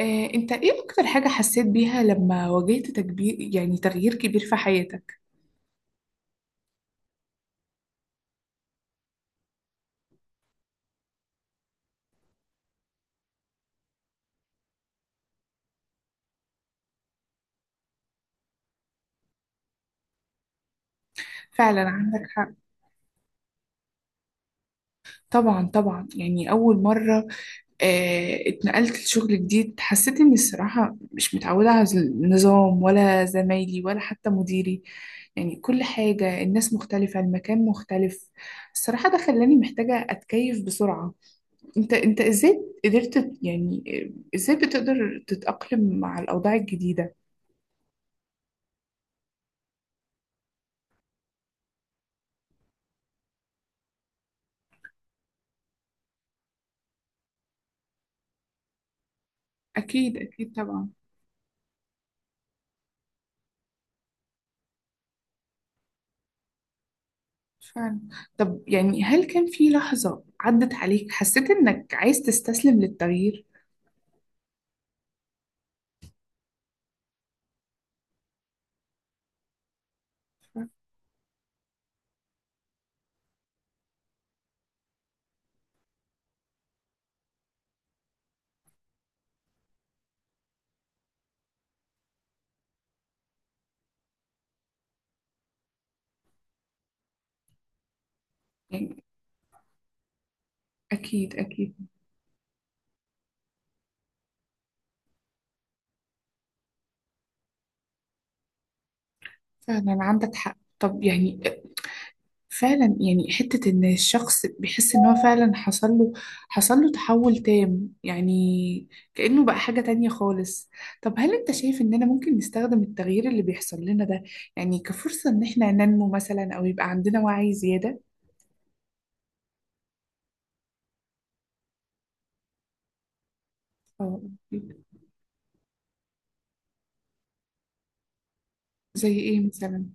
انت ايه اكتر حاجة حسيت بيها لما واجهت تكبير، يعني تغيير كبير في حياتك؟ فعلا، عندك حق. طبعا طبعا، يعني اول مرة اتنقلت لشغل جديد، حسيت اني الصراحة مش متعودة على النظام ولا زمايلي ولا حتى مديري. يعني كل حاجة، الناس مختلفة، المكان مختلف. الصراحة ده خلاني محتاجة اتكيف بسرعة. انت ازاي قدرت، يعني ازاي بتقدر تتأقلم مع الاوضاع الجديدة؟ اكيد اكيد طبعا. فعلا. طب يعني، هل كان في لحظة عدت عليك حسيت إنك عايز تستسلم للتغيير؟ يعني أكيد أكيد. فعلا عندك حق. طب يعني، فعلا، يعني حتة إن الشخص بيحس إن هو فعلا حصل له تحول تام، يعني كأنه بقى حاجة تانية خالص. طب هل أنت شايف إننا ممكن نستخدم التغيير اللي بيحصل لنا ده يعني كفرصة إن إحنا ننمو مثلا أو يبقى عندنا وعي زيادة؟ أو. زي إيه مثلا؟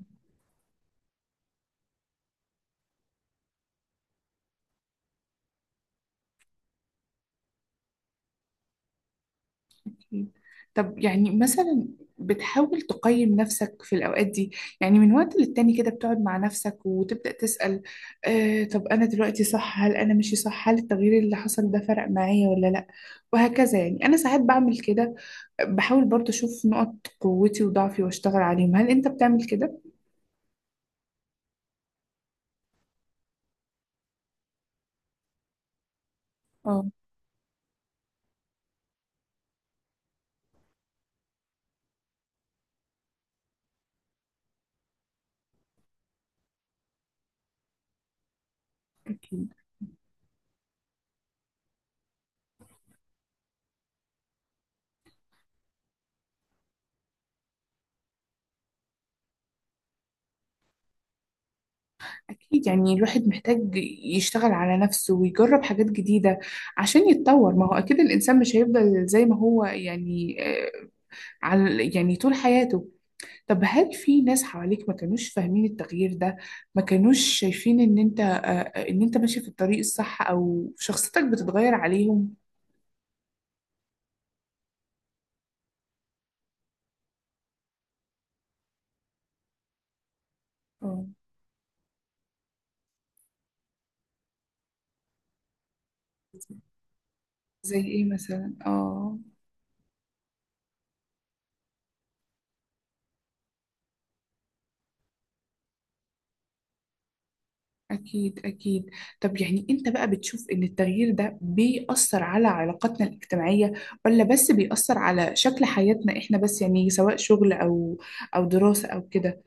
طب يعني مثلا، بتحاول تقيم نفسك في الأوقات دي، يعني من وقت للتاني كده بتقعد مع نفسك وتبدأ تسأل، طب أنا دلوقتي صح، هل أنا ماشي صح، هل التغيير اللي حصل ده فرق معايا ولا لأ؟ وهكذا، يعني أنا ساعات بعمل كده، بحاول برضه أشوف نقط قوتي وضعفي وأشتغل عليهم. هل أنت بتعمل كده؟ اه. أكيد أكيد، يعني الواحد محتاج يشتغل على نفسه ويجرب حاجات جديدة عشان يتطور. ما هو أكيد الإنسان مش هيفضل زي ما هو، يعني على يعني طول حياته. طب هل في ناس حواليك ما كانوش فاهمين التغيير ده، ما كانوش شايفين ان انت ماشي في الطريق الصح او شخصيتك بتتغير عليهم؟ اه. زي ايه مثلا؟ اه. اكيد اكيد. طب يعني، انت بقى بتشوف ان التغيير ده بيأثر على علاقاتنا الاجتماعية ولا بس بيأثر على شكل حياتنا احنا بس، يعني سواء شغل او دراسة او كده؟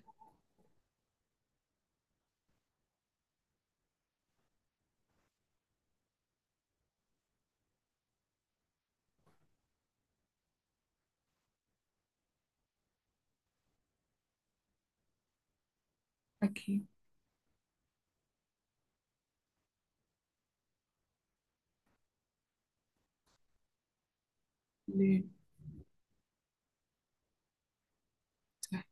اكيد. ليه؟ صح.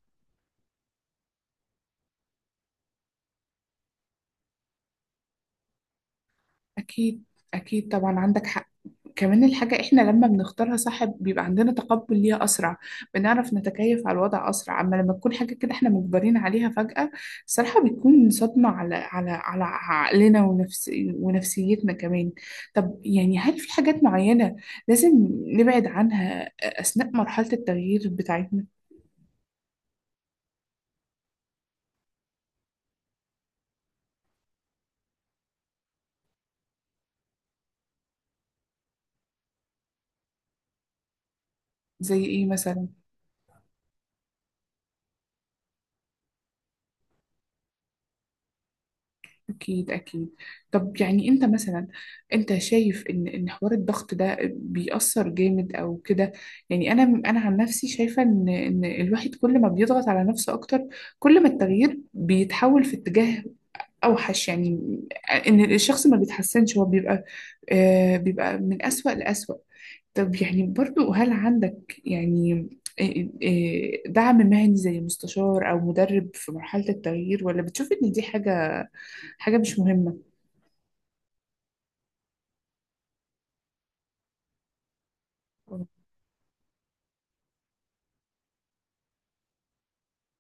اكيد اكيد طبعا، عندك حق. كمان الحاجة إحنا لما بنختارها صح بيبقى عندنا تقبل ليها أسرع، بنعرف نتكيف على الوضع أسرع. أما لما تكون حاجة كده إحنا مجبرين عليها فجأة، صراحة بتكون صدمة على عقلنا ونفسيتنا كمان. طب يعني، هل في حاجات معينة لازم نبعد عنها أثناء مرحلة التغيير بتاعتنا؟ زي إيه مثلا؟ أكيد أكيد. طب يعني أنت مثلا، أنت شايف إن حوار الضغط ده بيأثر جامد أو كده؟ يعني أنا عن نفسي شايفة إن الواحد كل ما بيضغط على نفسه أكتر، كل ما التغيير بيتحول في اتجاه أوحش، يعني إن الشخص ما بيتحسنش، هو بيبقى بيبقى من أسوأ لأسوأ. طب يعني برضو، هل عندك يعني آه، دعم مهني زي مستشار أو مدرب في مرحلة التغيير، ولا بتشوف إن دي حاجة مش مهمة؟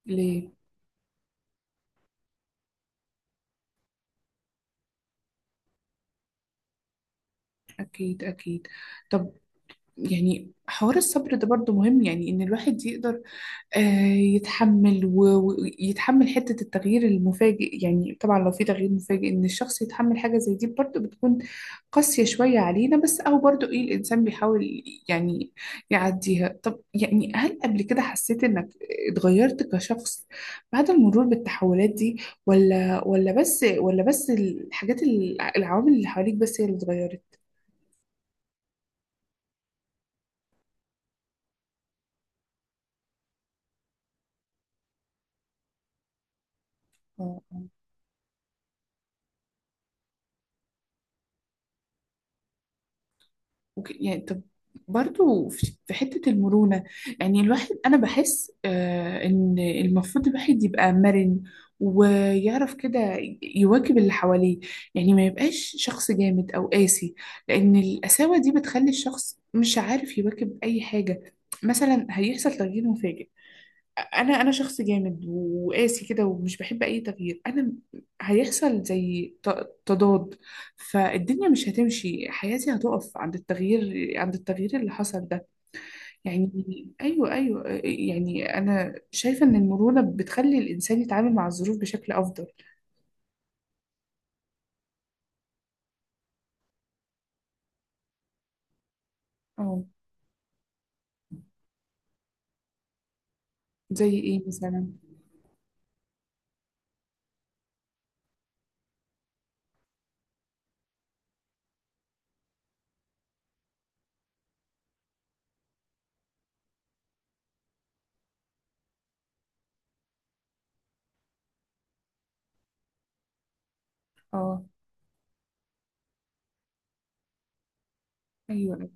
ليه؟ أكيد أكيد. طب يعني حوار الصبر ده برضو مهم، يعني إن الواحد يقدر آه، يتحمل و- ويتحمل حتة التغيير المفاجئ. يعني طبعا لو في تغيير مفاجئ إن الشخص يتحمل حاجة زي دي برضو بتكون قاسية شوية علينا، بس أو برضو إيه، الإنسان بيحاول يعني يعديها. طب يعني هل قبل كده حسيت إنك اتغيرت كشخص بعد المرور بالتحولات دي، ولا بس العوامل اللي حواليك بس هي اللي اتغيرت؟ آه، آه. اوكي يعني طب، برضو في حتة المرونة، يعني الواحد، أنا بحس إن المفروض الواحد يبقى مرن ويعرف كده يواكب اللي حواليه، يعني ما يبقاش شخص جامد أو قاسي، لأن القساوة دي بتخلي الشخص مش عارف يواكب أي حاجة. مثلا هيحصل تغيير مفاجئ، انا شخص جامد وقاسي كده ومش بحب اي تغيير، انا هيحصل زي تضاد، فالدنيا مش هتمشي، حياتي هتقف عند التغيير اللي حصل ده. يعني ايوه، ايوه، يعني انا شايفة ان المرونة بتخلي الانسان يتعامل مع الظروف بشكل افضل. اه. زي ايه مثلا؟ اه. ايوه.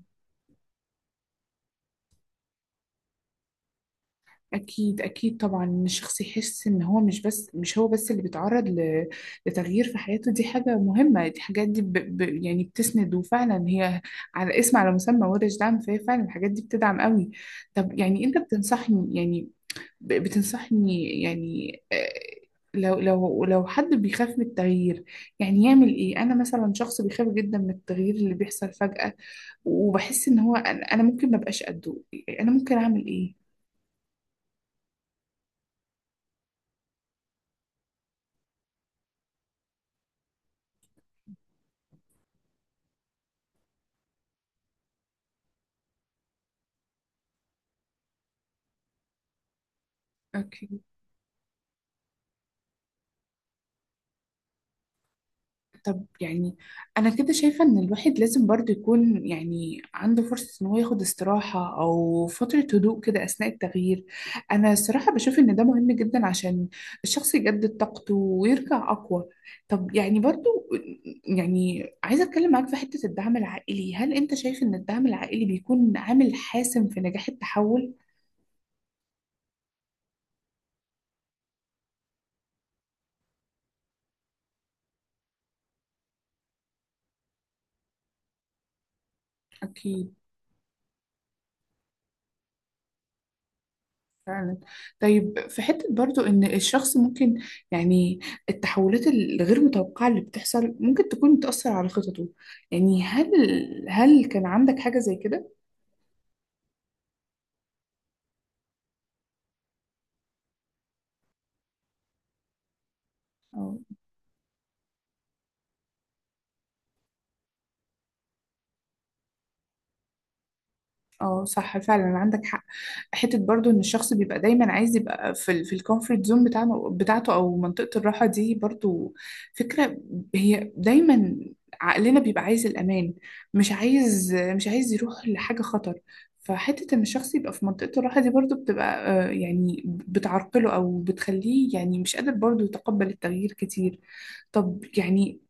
أكيد أكيد طبعا، إن الشخص يحس إن هو مش هو بس اللي بيتعرض لتغيير في حياته، دي حاجة مهمة، دي حاجات دي يعني بتسند، وفعلا هي على مسمى ورش دعم، فهي فعلا الحاجات دي بتدعم قوي. طب يعني أنت بتنصحني، يعني بتنصحني يعني لو لو حد بيخاف من التغيير يعني يعمل إيه؟ أنا مثلا شخص بيخاف جدا من التغيير اللي بيحصل فجأة، وبحس إن هو، أنا ممكن مبقاش قده، أنا ممكن أعمل إيه؟ أوكي. طب يعني أنا كده شايفة إن الواحد لازم برضه يكون يعني عنده فرصة إن هو ياخد استراحة أو فترة هدوء كده أثناء التغيير. أنا الصراحة بشوف إن ده مهم جدا عشان الشخص يجدد طاقته ويرجع أقوى. طب يعني برضه، يعني عايزة أتكلم معاك في حتة الدعم العائلي. هل أنت شايف إن الدعم العائلي بيكون عامل حاسم في نجاح التحول؟ أكيد. فعلا. طيب، في حتة برضو إن الشخص ممكن يعني، التحولات الغير متوقعة اللي بتحصل ممكن تكون بتأثر على خططه، يعني هل كان عندك حاجة زي كده؟ اه صح، فعلا عندك حق. حته برضو ان الشخص بيبقى دايما عايز يبقى في في الكومفورت زون بتاعته، او منطقه الراحه دي، برضو فكره، هي دايما عقلنا بيبقى عايز الامان، مش عايز يروح لحاجه خطر. فحته ان الشخص يبقى في منطقه الراحه دي برضو بتبقى يعني بتعرقله او بتخليه يعني مش قادر برضو يتقبل التغيير كتير. طب يعني،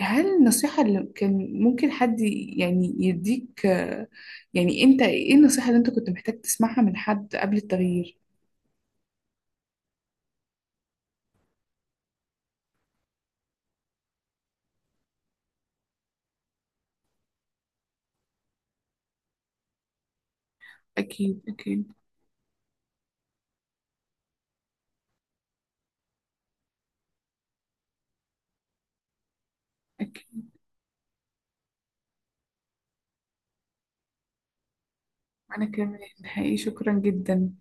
هل النصيحة اللي كان ممكن حد يعني يديك يعني انت ايه النصيحة اللي انت كنت محتاج تسمعها من حد قبل التغيير؟ أكيد أكيد أكيد. أنا كمان نهائي شكرا جدا.